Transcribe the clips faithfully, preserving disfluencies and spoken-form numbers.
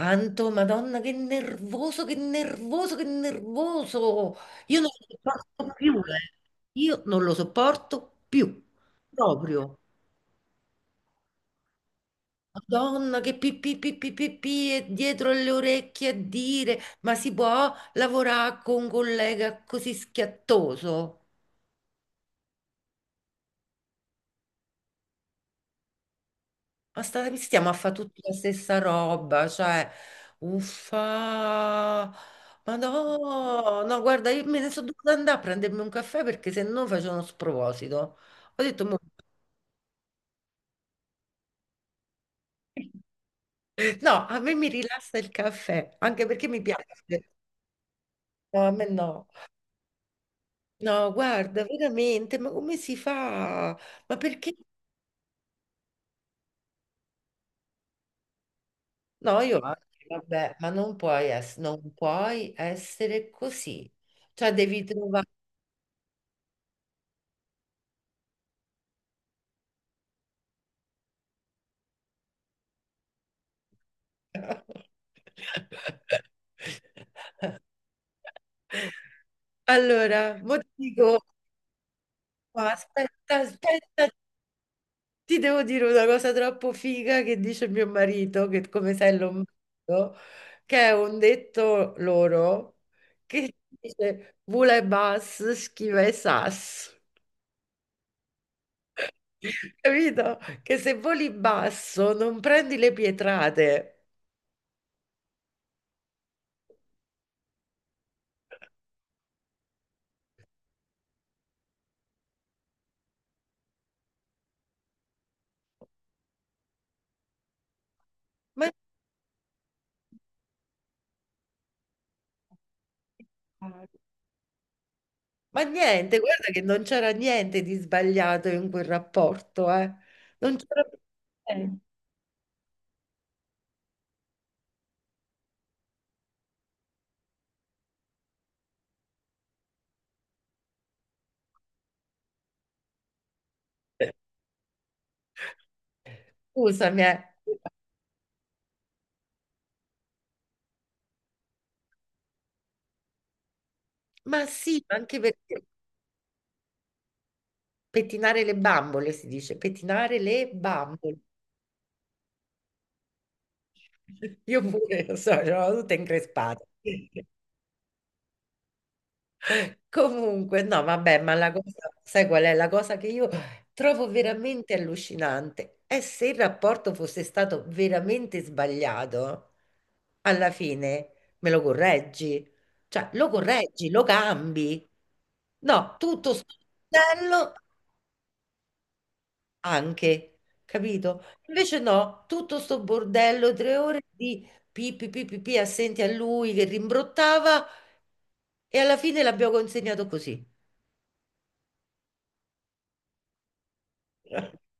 Anto, Madonna, che nervoso, che nervoso, che nervoso. Io non lo sopporto più, eh. Io non lo sopporto più, proprio. Madonna, che pi pi pi pi pi pi è dietro alle orecchie a dire, ma si può lavorare con un collega così schiattoso? Ma state stiamo a fare tutti la stessa roba, cioè, uffa, ma no, no, guarda, io me ne sono dovuta andare a prendermi un caffè perché se no facevo uno sproposito. Ho detto, "Mo- no, a me mi rilassa il caffè, anche perché mi piace. No, a me no. No, guarda, veramente, ma come si fa? Ma perché? No, io anche, vabbè, ma non puoi essere, non puoi essere così. Cioè, devi trovare... Allora, mo ti dico... Ma aspetta, aspetta, ti devo dire una cosa troppo figa che dice mio marito, che come sai è lombardo, che è un detto loro che dice vule bas, schiva e sas. Capito? Che se voli basso non prendi le pietrate. Ma, ma niente, guarda che non c'era niente di sbagliato in quel rapporto, eh. Non c'era niente. Scusami, eh. Ma sì, ma anche perché pettinare le bambole, si dice, pettinare le bambole. Io pure, lo so, sono tutta increspata. Comunque, no, vabbè, ma la cosa, sai qual è? La cosa che io trovo veramente allucinante è se il rapporto fosse stato veramente sbagliato, alla fine me lo correggi, cioè lo correggi, lo cambi. No, tutto sto bordello anche, capito? Invece no, tutto sto bordello, tre ore di pi, pi, pi, pi, pi, assenti a lui che rimbrottava e alla fine l'abbiamo consegnato così.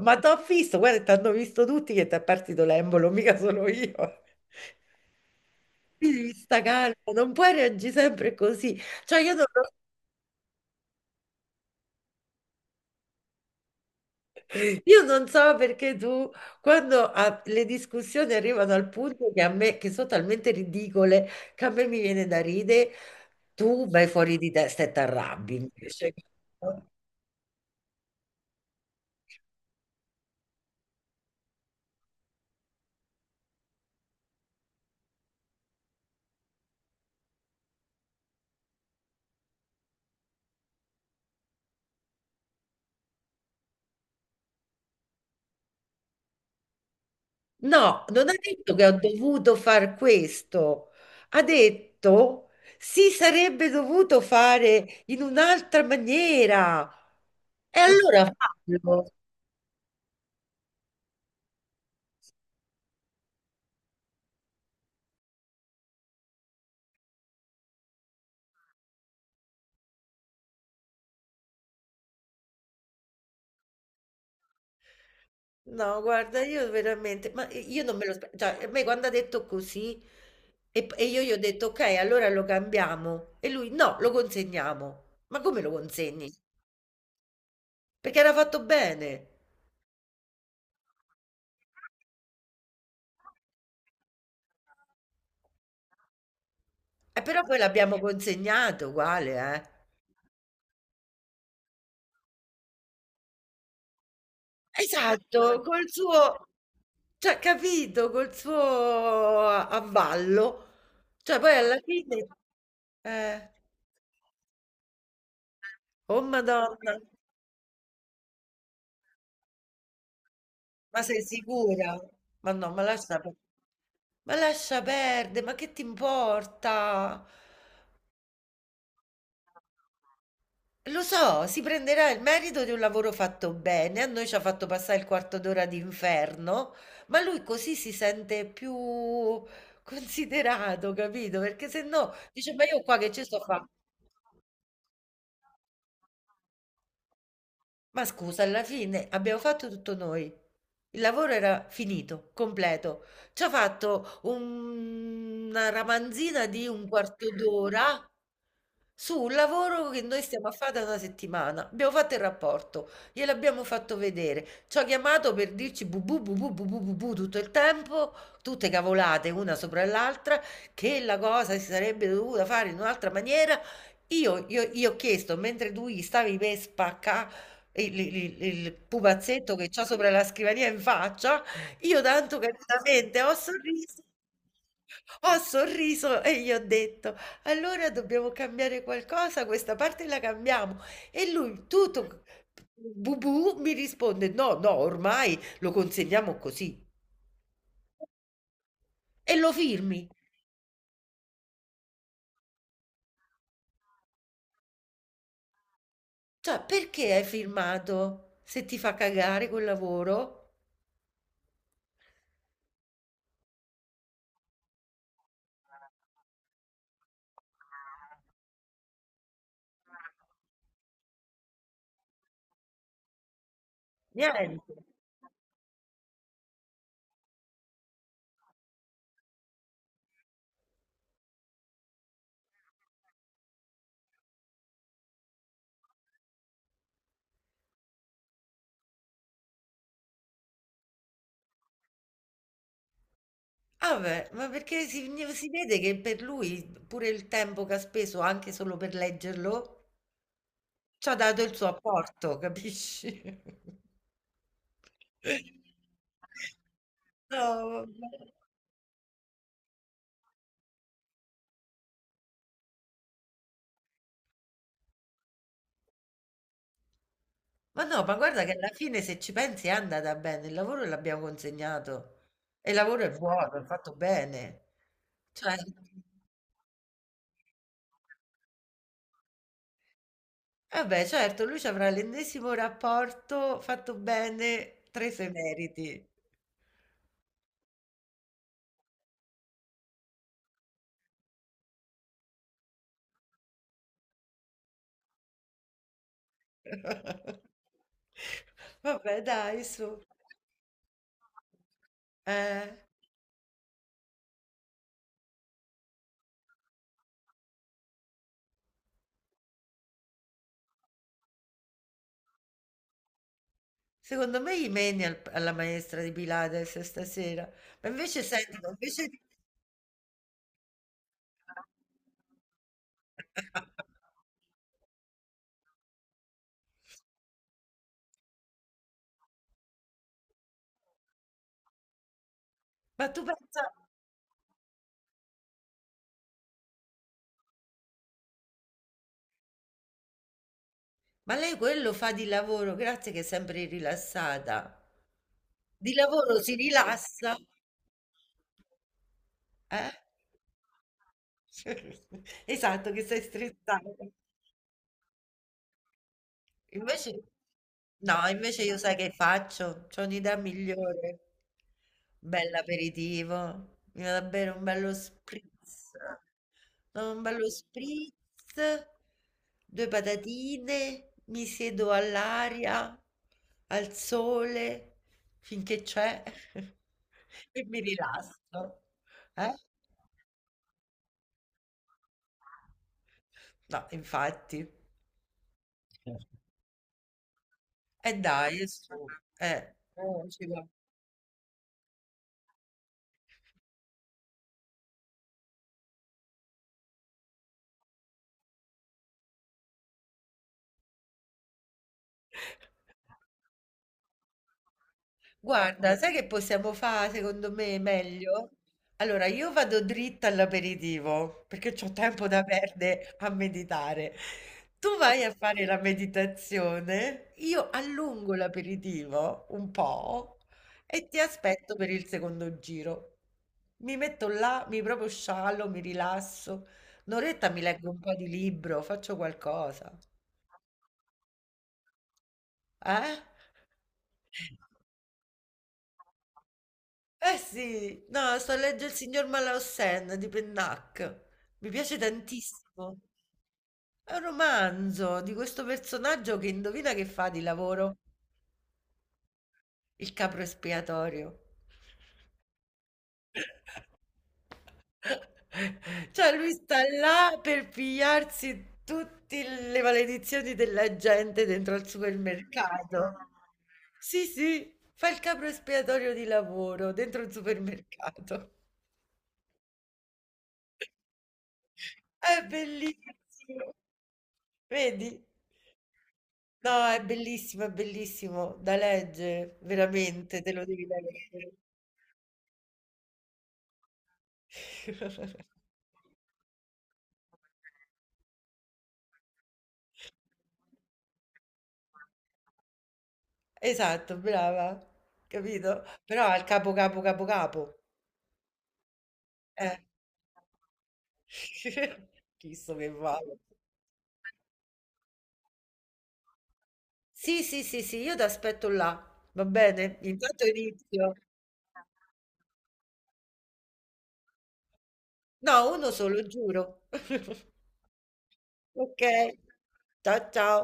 Ma t'ho visto, guarda, t'hanno visto tutti che ti è partito l'embolo, mica solo io. Quindi devi sta calma, non puoi reagire sempre così. Cioè, io non, lo- io non so perché tu, quando a- le discussioni arrivano al punto che a me, che sono talmente ridicole, che a me mi viene da ridere. Tu vai fuori di testa e t'arrabbi invece. No, non ha detto che ho dovuto far questo, ha detto si sarebbe dovuto fare in un'altra maniera. E allora fallo. No, guarda, io veramente, ma io non me lo aspettavo, cioè, a me quando ha detto così e, e io gli ho detto ok, allora lo cambiamo e lui no, lo consegniamo. Ma come lo consegni? Perché era fatto bene. Eh, però poi l'abbiamo consegnato uguale, eh. Esatto, esatto, col suo, cioè capito, col suo avallo. Cioè poi alla fine eh. Oh madonna, ma sei sicura? Ma no, ma lascia pe ma lascia perdere, ma che ti importa? Lo so, si prenderà il merito di un lavoro fatto bene, a noi ci ha fatto passare il quarto d'ora di inferno, ma lui così si sente più considerato, capito? Perché se no dice, ma io qua che ci sto a fa'? Ma scusa, alla fine abbiamo fatto tutto noi. Il lavoro era finito, completo. Ci ha fatto un- una ramanzina di un quarto d'ora su un lavoro che noi stiamo a fare da una settimana. Abbiamo fatto il rapporto, gliel'abbiamo fatto vedere. Ci ha chiamato per dirci bu bu bu bu bu bu bu bu tutto il tempo, tutte cavolate una sopra l'altra, che la cosa si sarebbe dovuta fare in un'altra maniera. Io, io, io ho chiesto, mentre tu gli stavi per spaccà il, il- il pupazzetto che c'ha sopra la scrivania in faccia, io tanto carinamente ho sorriso, ho sorriso e gli ho detto, allora dobbiamo cambiare qualcosa, questa parte la cambiamo. E lui, tutto bubù, mi risponde, no, no, ormai lo consegniamo così. E lo firmi. Cioè, perché hai firmato se ti fa cagare quel lavoro? Niente. Ah beh, ma perché si si vede che per lui pure il tempo che ha speso anche solo per leggerlo, c'ha dato il suo apporto, capisci? No, vabbè. Ma no, ma guarda che alla fine se ci pensi è andata bene, il lavoro l'abbiamo consegnato e il lavoro è buono, è fatto bene. Cioè, vabbè, certo, lui ci avrà l'ennesimo rapporto fatto bene, tre se meriti. Vabbè, dai, su. Eh, secondo me gli meni al- alla maestra di Pilates stasera. Ma invece senti, ma invece... di- Ma tu pensa... Ma lei quello fa di lavoro, grazie che è sempre rilassata. Di lavoro si rilassa, eh? Esatto, che sei stressato. Invece no, invece io sai che faccio? C'ho un'idea migliore. Bell'aperitivo, mi vado a bere un bello spritz. No, un bello spritz, due patatine, mi siedo all'aria, al sole, finché c'è, e mi rilasso. Eh? No, infatti. E dai, è su- eh, eh, ci va. Guarda, sai che possiamo fare secondo me meglio? Allora, io vado dritta all'aperitivo perché ho tempo da perdere a meditare. Tu vai a fare la meditazione, io allungo l'aperitivo un po' e ti aspetto per il secondo giro. Mi metto là, mi proprio sciallo, mi rilasso. Un'oretta mi leggo un po' di libro, faccio qualcosa. Eh? Eh sì, no, sto a leggere Il signor Malaussen di Pennac. Mi piace tantissimo. È un romanzo di questo personaggio che indovina che fa di lavoro il capro espiatorio. Cioè, lui sta là per pigliarsi tutte le maledizioni della gente dentro al supermercato. Sì, sì, fa il capro espiatorio di lavoro dentro il supermercato. È bellissimo. Vedi? No, è bellissimo, è bellissimo da leggere, veramente, te lo devi leggere. Esatto, brava, capito? Però al capo, capo, capo, capo. Eh. Chissà che vale. Sì, sì, sì, sì, io ti aspetto là, va bene? Intanto inizio. No, uno solo, giuro. Ok, ciao ciao.